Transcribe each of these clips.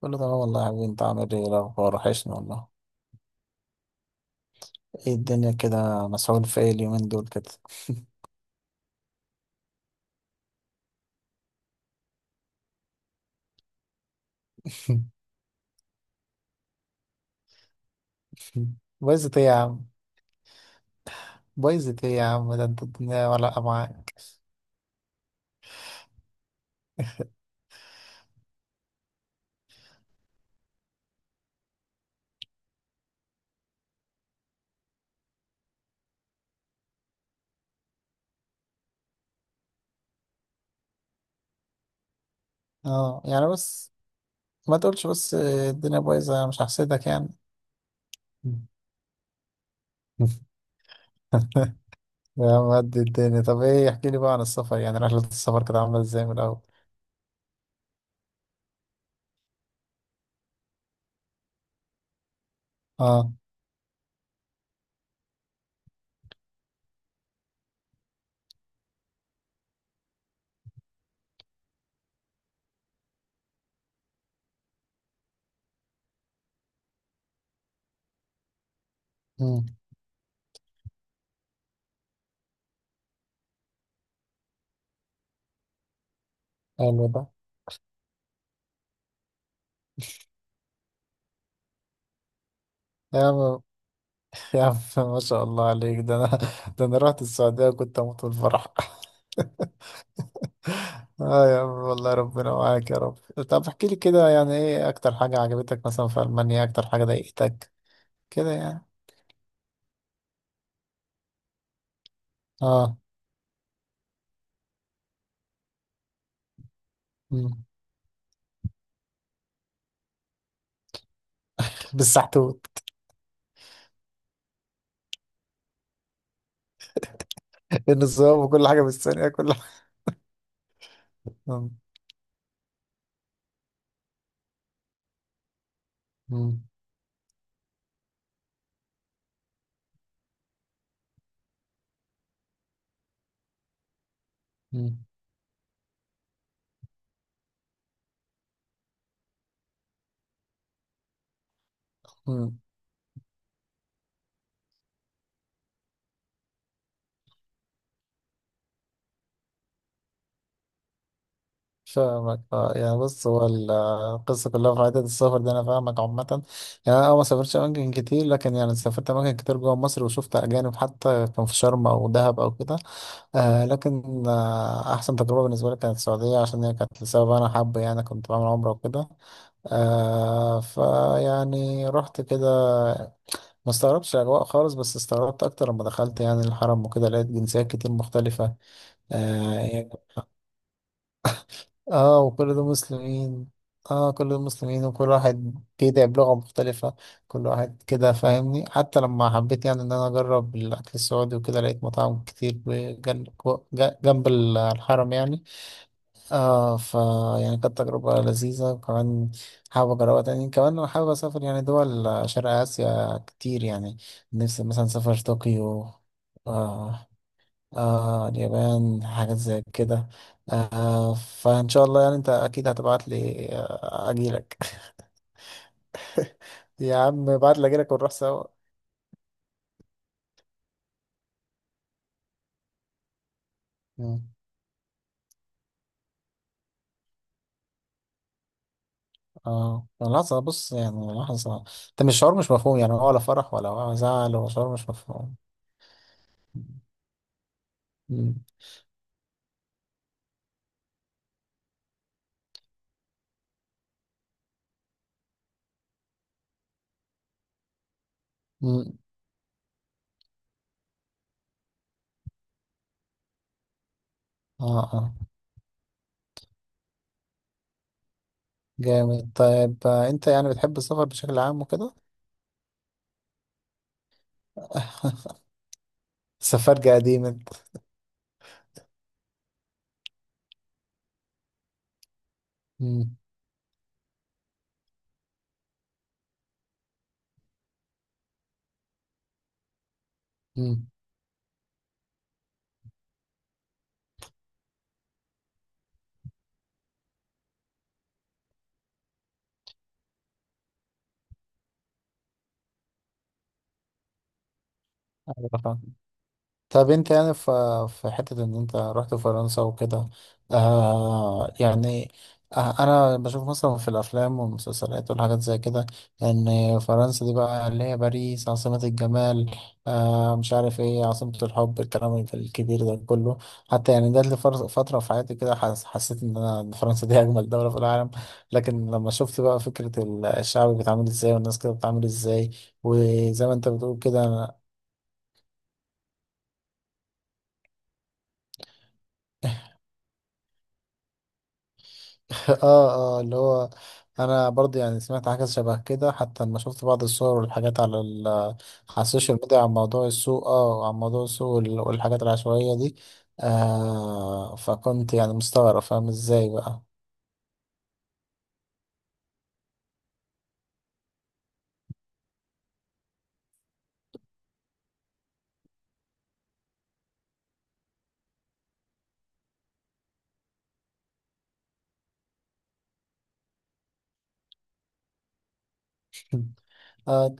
كله تمام والله يا حبيبي، انت عامل ايه؟ إيه الاخبار؟ وحشني والله. ايه الدنيا كده؟ مسحول في ايه اليومين دول كده؟ بايظت ايه يا عم؟ بايظت ايه يا عم؟ ده انت الدنيا ولا معاك؟ اه، يعني بس ما تقولش بس الدنيا بايظه، انا مش هحسدك يعني. يا عم، قد الدنيا. طب ايه، احكي لي بقى عن السفر، يعني رحله السفر كانت عامله ازاي من الاول؟ اه. امم حلو ده. يا عم يا عم، ما شاء الله عليك. ده انا رحت السعوديه وكنت اموت من الفرح. اه يا عم، والله ربنا معاك يا رب. طب احكي لي كده يعني، ايه اكتر حاجة عجبتك مثلا في المانيا؟ اكتر حاجة ضايقتك كده يعني؟ اه. مم. بالسحتوت. النظام، وكل حاجة بالثانية، كل حاجة. مم. مم. مم. مم. فاهمك. اه يعني بص، هو القصة كلها في عدد السفر ده، انا فاهمك عامة. يعني انا ما سافرتش اماكن كتير، لكن يعني سافرت اماكن كتير جوه مصر، وشفت اجانب حتى، كان في شرم او دهب او كده. لكن أحسن تجربة بالنسبة لي كانت السعودية، عشان هي كانت لسبب أنا حابه يعني، كنت بعمل عمرة وكده. فيعني رحت كده. ما استغربتش الأجواء خالص، بس استغربت أكتر لما دخلت يعني الحرم وكده، لقيت جنسيات كتير مختلفة. آه، يعني. وكل دول مسلمين. كل دول مسلمين، وكل واحد بيدعي بلغة مختلفة. كل واحد كده فاهمني. حتى لما حبيت يعني إن أنا أجرب الأكل السعودي وكده، لقيت مطاعم كتير جنب الحرم يعني. اه، يعني كانت تجربة لذيذة. وكمان حابب أجربها تاني. كمان أنا حابب أسافر يعني دول شرق آسيا كتير يعني. نفسي مثلا أسافر طوكيو. آه اليابان حاجات زي كده. فإن شاء الله يعني أنت أكيد هتبعت لي، أجيلك. يا عم، ابعت لي أجيلك ونروح سوا. مم. اه، لحظة. بص يعني، لحظة. ده مش شعور، مش مفهوم يعني، ولا فرح ولا زعل، هو شعور مش مفهوم. مم. مم. اه اه، جامد. طيب، انت يعني بتحب السفر بشكل عام وكده؟ سفرج قديم انت. مم. مم. أيوة، فاهم. طب انت يعني في حتة ان انت رحت فرنسا وكده. يعني انا بشوف مثلا في الافلام والمسلسلات والحاجات زي كده، ان فرنسا دي بقى اللي هي باريس عاصمة الجمال. مش عارف ايه، عاصمة الحب، الكلام الكبير ده كله. حتى يعني ده، اللي فترة في حياتي كده، حسيت ان انا إن فرنسا دي اجمل دولة في العالم. لكن لما شفت بقى فكرة الشعب بيتعامل ازاي، والناس كده بتتعامل ازاي، وزي ما انت بتقول كده. اه اه، اللي هو، انا برضه يعني سمعت حاجه شبه كده. حتى لما شفت بعض الصور والحاجات على على السوشيال ميديا عن موضوع السوق والحاجات العشوائيه دي. فكنت يعني مستغرب، فاهم ازاي بقى؟ آه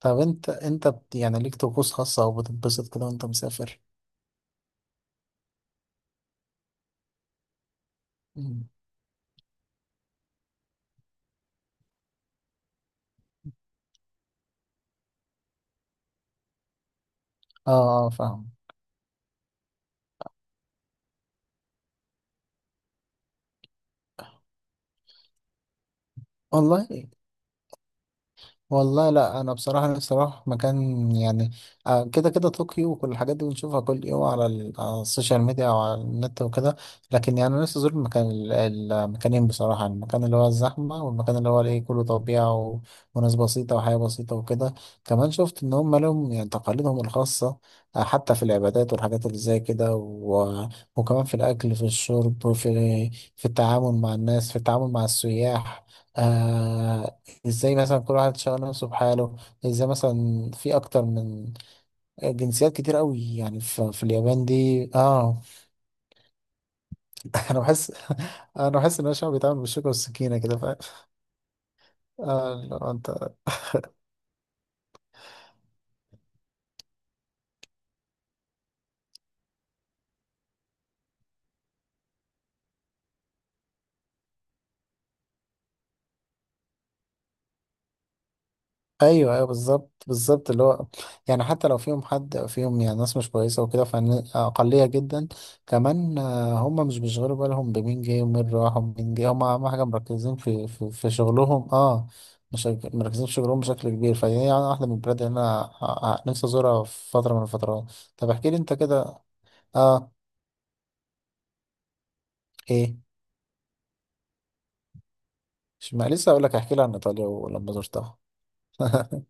طب انت يعني ليك طقوس خاصه او بتتبسط كده وانت مسافر؟ مم. اه اه، فاهم. والله والله لا، انا بصراحه نفسي اروح مكان يعني. كده كده، طوكيو وكل الحاجات دي بنشوفها كل يوم على على السوشيال ميديا او على النت وكده. لكن يعني انا نفسي ازور المكانين بصراحه، يعني المكان اللي هو الزحمه، والمكان اللي هو الايه، كله طبيعه وناس بسيطه وحياه بسيطه وكده. كمان شفت ان هم لهم يعني تقاليدهم الخاصه، حتى في العبادات والحاجات اللي زي كده وكمان في الاكل، في الشرب، في التعامل مع الناس، في التعامل مع السياح، آه، ازاي مثلا كل واحد شغال نفسه بحاله، ازاي مثلا في اكتر من جنسيات كتير قوي، يعني في اليابان دي، اه. انا بحس انا بحس ان الشعب بيتعامل بالشوكة والسكينة كده، فاهم؟ لو انت. ايوه ايوه، بالظبط بالظبط، اللي هو. يعني حتى لو فيهم حد فيهم، يعني ناس مش كويسه وكده، فاقليه جدا. كمان، هم مش بيشغلوا بالهم بمين جه ومين راح ومين جه، هم اهم حاجه مركزين في شغلهم، اه. مش مركزين في شغلهم بشكل كبير، فهي يعني واحده من البلاد اللي انا نفسي ازورها في فتره من الفترات. طب احكي لي انت كده. اه، ايه؟ مش، ما لسه اقول لك، احكي لي عن ايطاليا ولما زرتها.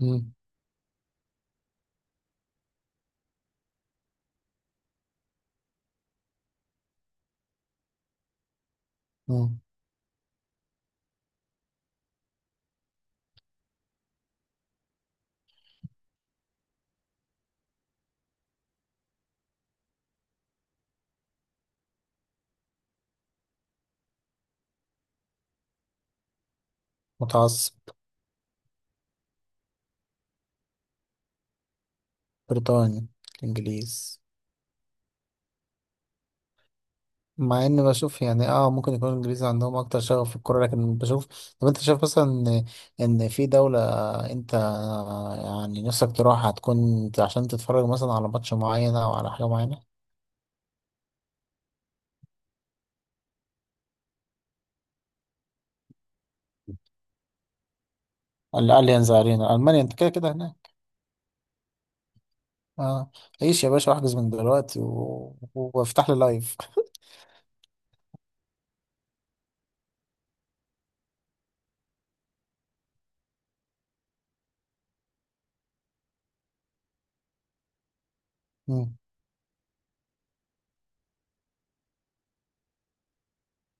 مم، مم. متعصب. بريطانيا. الانجليز. مع اني بشوف يعني، اه ممكن يكون الانجليز عندهم اكتر شغف في الكوره، لكن بشوف. طب انت شايف مثلا إن في دوله، انت يعني نفسك تروحها هتكون عشان تتفرج مثلا على ماتش معين او على حاجه معينه؟ الاليانز ارينا، المانيا، انت كده كده هناك. اه، عيش يا باشا واحجز من دلوقتي وافتح لي لايف.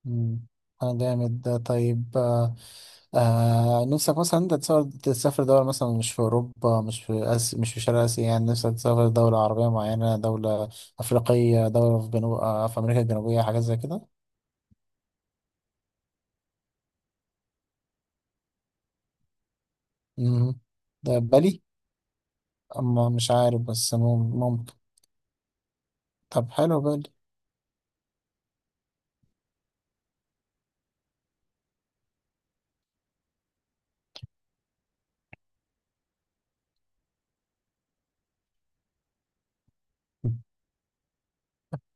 مم. اه، جامد ده. طيب، نفسك مثلا انت تسافر، دولة مثلا مش في أوروبا، مش في مش في شرق آسيا يعني، نفسك تسافر دولة عربية معينة، دولة أفريقية، دولة في جنوب، في أمريكا الجنوبية، حاجات زي كده؟ مم. ده بالي؟ أما مش عارف بس ممكن. طب حلو، بالي.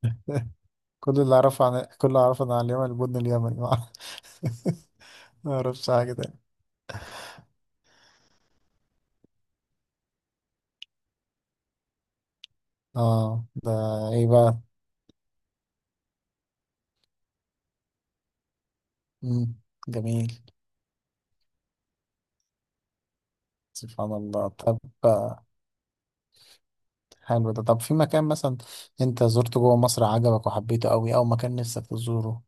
كل اللي أعرفه عن اليمن، البن اليمني. ما أعرفش حاجة تاني. اه، ده إيه بقى؟ مم. جميل، سبحان الله. طب، آه، حلو ده. طب في مكان مثلا انت زرته جوه مصر عجبك وحبيته قوي، او مكان نفسك تزوره؟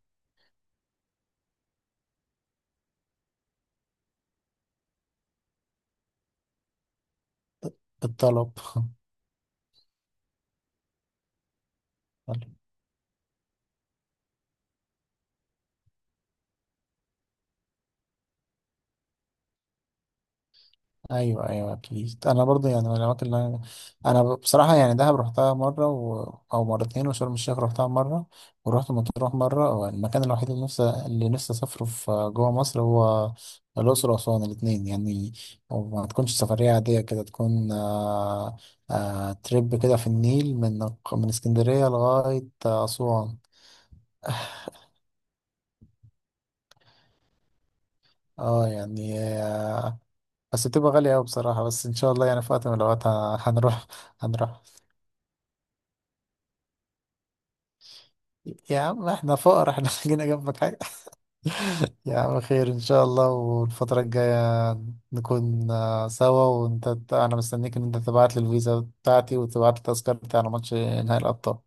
بالطلب. ايوه ايوه، اكيد. انا برضو يعني من الاماكن اللي انا، انا بصراحه يعني دهب رحتها مره او مرتين، وشرم الشيخ رحتها مره، ورحت مطروح مره. والمكان الوحيد اللي نفسي اسافره في جوه مصر هو الاقصر واسوان، الاثنين يعني. وما تكونش سفريه عاديه كده، تكون تريب كده في النيل، من اسكندريه لغايه اسوان. اه يعني، بس بتبقى غالية أوي بصراحة. بس إن شاء الله يعني في وقت من الأوقات هنروح. هنروح يا عم، احنا فقراء احنا. جينا جنبك حاجة. يا عم، خير إن شاء الله. والفترة الجاية نكون سوا. وأنت أنا مستنيك إن أنت تبعت لي الفيزا بتاعتي وتبعت لي التذكرة بتاعنا ماتش نهائي الأبطال.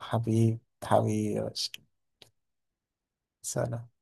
حبيبي يا باشا، سلام.